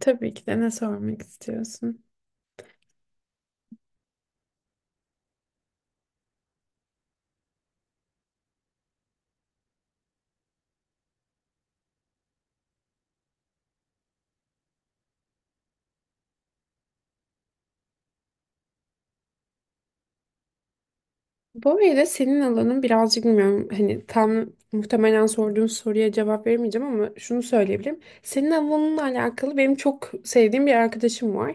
Tabii ki de ne sormak istiyorsun? Böyle senin alanın birazcık bilmiyorum hani tam muhtemelen sorduğun soruya cevap veremeyeceğim ama şunu söyleyebilirim. Senin alanınla alakalı benim çok sevdiğim bir arkadaşım var.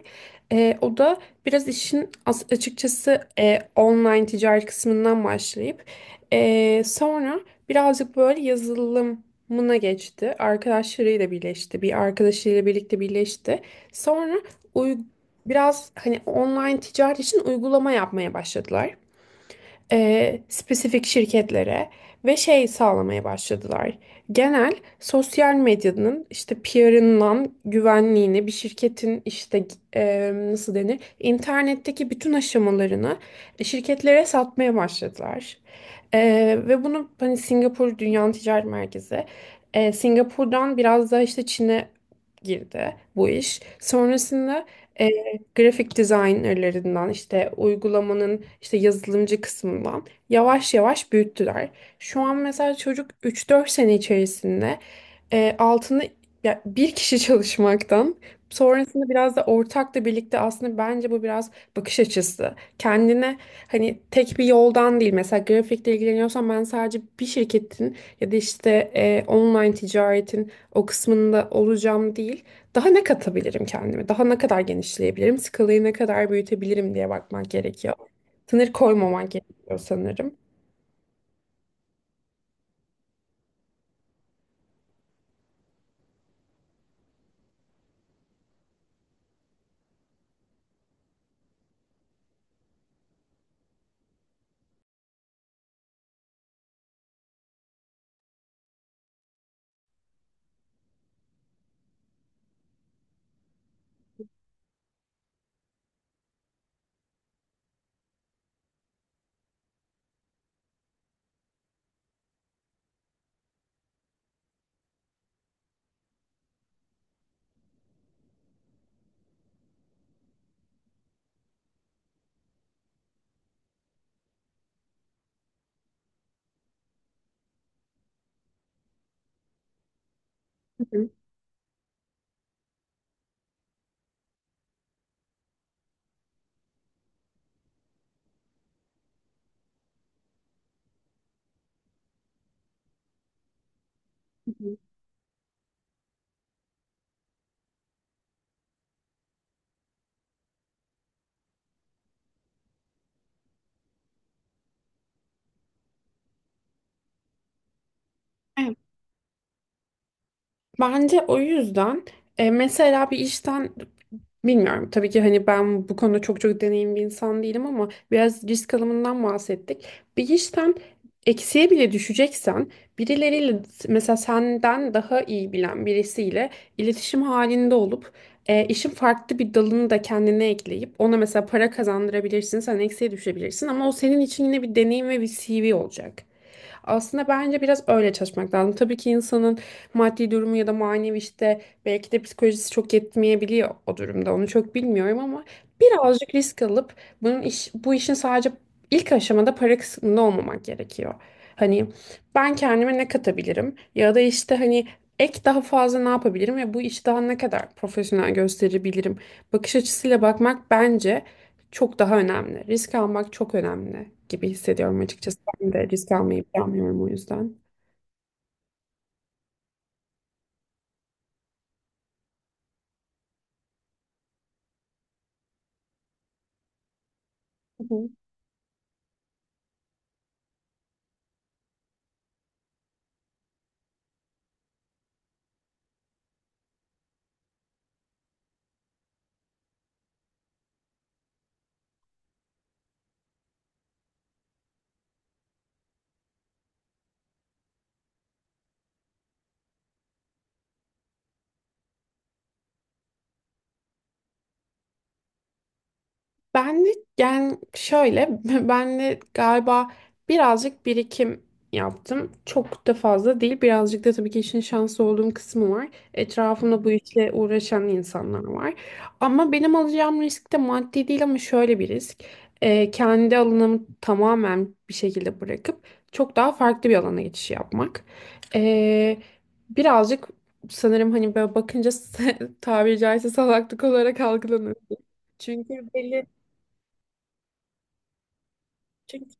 O da biraz açıkçası online ticaret kısmından başlayıp sonra birazcık böyle yazılımına geçti. Arkadaşlarıyla birleşti. Bir arkadaşıyla birlikte birleşti. Sonra uy- biraz hani online ticaret için uygulama yapmaya başladılar, spesifik şirketlere ve şey sağlamaya başladılar. Genel sosyal medyanın işte PR'ından güvenliğini bir şirketin işte, nasıl denir, internetteki bütün aşamalarını şirketlere satmaya başladılar. E, Ve bunu hani Singapur Dünya Ticaret Merkezi, Singapur'dan biraz daha işte Çin'e girdi bu iş. Sonrasında grafik designerlarından işte uygulamanın işte yazılımcı kısmından yavaş yavaş büyüttüler. Şu an mesela çocuk üç dört sene içerisinde, altında ya bir kişi çalışmaktan sonrasında biraz da ortakla birlikte aslında bence bu biraz bakış açısı. Kendine hani tek bir yoldan değil, mesela grafikle ilgileniyorsan ben sadece bir şirketin ya da işte, online ticaretin o kısmında olacağım değil, daha ne katabilirim kendime? Daha ne kadar genişleyebilirim? Skalayı ne kadar büyütebilirim diye bakmak gerekiyor. Sınır koymaman gerekiyor sanırım. Hı hı, hı hı. Bence o yüzden, mesela bir işten bilmiyorum tabii ki hani ben bu konuda çok çok deneyimli bir insan değilim ama biraz risk alımından bahsettik. Bir işten eksiye bile düşeceksen birileriyle, mesela senden daha iyi bilen birisiyle iletişim halinde olup, işin farklı bir dalını da kendine ekleyip ona mesela para kazandırabilirsin, sen eksiye düşebilirsin ama o senin için yine bir deneyim ve bir CV olacak. Aslında bence biraz öyle çalışmak lazım. Tabii ki insanın maddi durumu ya da manevi işte belki de psikolojisi çok yetmeyebiliyor o durumda. Onu çok bilmiyorum ama birazcık risk alıp bunun iş, bu işin sadece ilk aşamada para kısmında olmamak gerekiyor. Hani ben kendime ne katabilirim ya da işte hani ek daha fazla ne yapabilirim ve bu işi daha ne kadar profesyonel gösterebilirim bakış açısıyla bakmak bence çok daha önemli. Risk almak çok önemli gibi hissediyorum açıkçası. Ben de risk almayı planlıyorum o yüzden. Hı hı. Benlik yani şöyle ben de galiba birazcık birikim yaptım. Çok da fazla değil. Birazcık da tabii ki işin şanslı olduğum kısmı var. Etrafımda bu işle uğraşan insanlar var. Ama benim alacağım risk de maddi değil ama şöyle bir risk. Kendi alanımı tamamen bir şekilde bırakıp çok daha farklı bir alana geçiş yapmak. Ee, Birazcık sanırım hani böyle bakınca tabiri caizse salaklık olarak algılanıyor. Çünkü belli, çünkü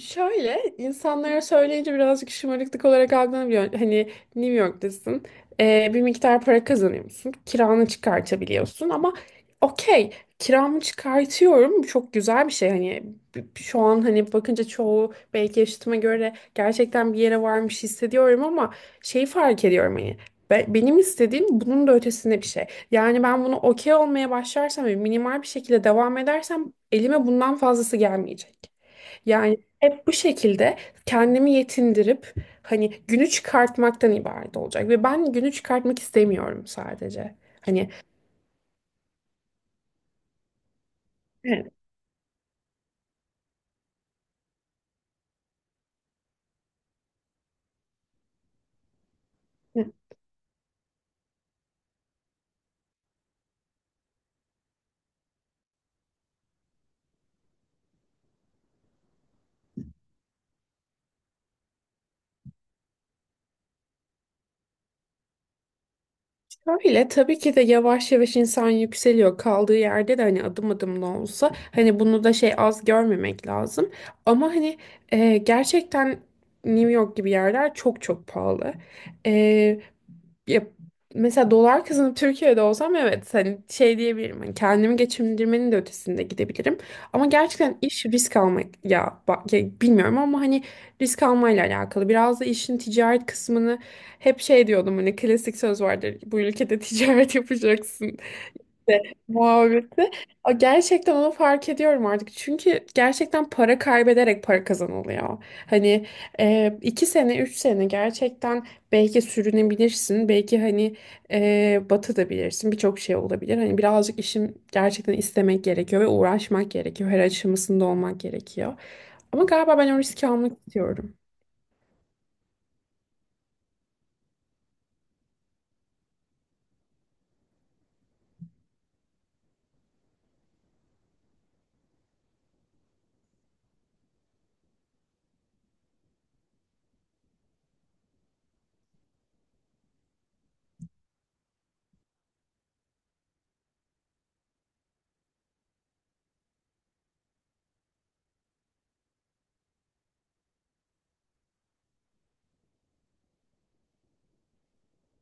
şöyle insanlara söyleyince birazcık şımarıklık olarak algılanabiliyor. Hani New York'tasın, bir miktar para kazanıyorsun, kiranı çıkartabiliyorsun ama okey, kiramı çıkartıyorum. Bu çok güzel bir şey. Hani şu an hani bakınca çoğu belki yaşıtıma göre gerçekten bir yere varmış hissediyorum ama şeyi fark ediyorum hani benim istediğim bunun da ötesinde bir şey. Yani ben bunu okey olmaya başlarsam ve minimal bir şekilde devam edersem elime bundan fazlası gelmeyecek. Yani hep bu şekilde kendimi yetindirip hani günü çıkartmaktan ibaret olacak ve ben günü çıkartmak istemiyorum sadece. Hani evet, evet. Şöyle tabii ki de yavaş yavaş insan yükseliyor kaldığı yerde de hani adım adım da olsa hani bunu da şey az görmemek lazım. Ama hani, gerçekten New York gibi yerler çok çok pahalı. E, Ya, mesela dolar kazanıp Türkiye'de olsam evet hani şey diyebilirim. Hani kendimi geçindirmenin de ötesinde gidebilirim. Ama gerçekten iş risk almak ya, bak, ya bilmiyorum ama hani risk almayla alakalı. Biraz da işin ticaret kısmını hep şey diyordum hani klasik söz vardır. Bu ülkede ticaret yapacaksın de muhabbeti. O gerçekten onu fark ediyorum artık. Çünkü gerçekten para kaybederek para kazanılıyor. Hani, iki sene, üç sene gerçekten belki sürünebilirsin. Belki hani, batabilirsin. Birçok şey olabilir. Hani birazcık işin gerçekten istemek gerekiyor ve uğraşmak gerekiyor. Her aşamasında olmak gerekiyor. Ama galiba ben o riski almak istiyorum.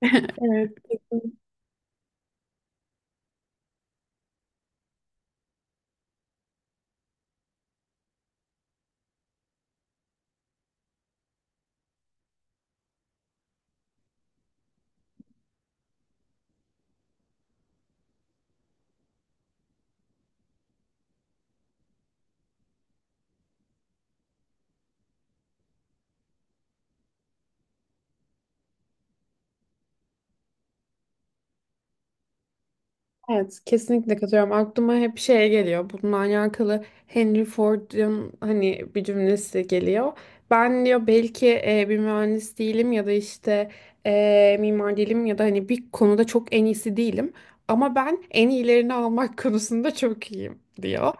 Evet, kesin. Evet, kesinlikle katılıyorum. Aklıma hep şey geliyor. Bununla alakalı Henry Ford'un hani bir cümlesi geliyor. Ben diyor belki, bir mühendis değilim ya da işte, mimar değilim ya da hani bir konuda çok en iyisi değilim. Ama ben en iyilerini almak konusunda çok iyiyim diyor.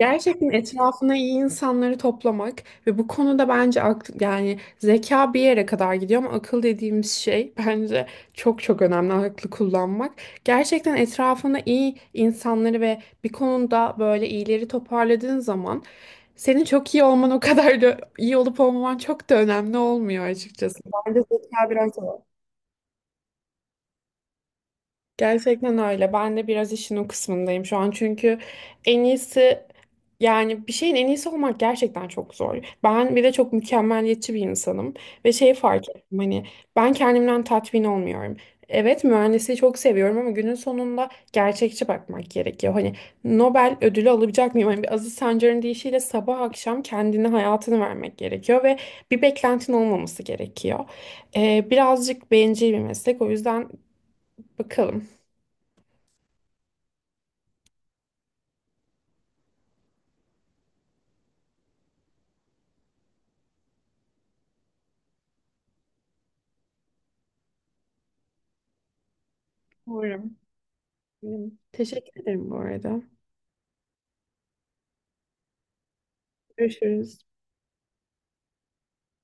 Gerçekten etrafına iyi insanları toplamak ve bu konuda bence akl yani zeka bir yere kadar gidiyor ama akıl dediğimiz şey bence çok çok önemli aklı kullanmak. Gerçekten etrafında iyi insanları ve bir konuda böyle iyileri toparladığın zaman senin çok iyi olman, o kadar da iyi olup olmaman çok da önemli olmuyor açıkçası. Bence zeka biraz o. Gerçekten öyle. Ben de biraz işin o kısmındayım şu an. Çünkü en iyisi, yani bir şeyin en iyisi olmak gerçekten çok zor. Ben bir de çok mükemmeliyetçi bir insanım ve şeyi fark ettim hani ben kendimden tatmin olmuyorum. Evet, mühendisliği çok seviyorum ama günün sonunda gerçekçi bakmak gerekiyor. Hani Nobel ödülü alabilecek miyim? Hani bir Aziz Sancar'ın deyişiyle sabah akşam kendini hayatını vermek gerekiyor ve bir beklentin olmaması gerekiyor. Birazcık bencil bir meslek o yüzden, bakalım. Umarım. Umarım. Teşekkür ederim bu arada. Görüşürüz.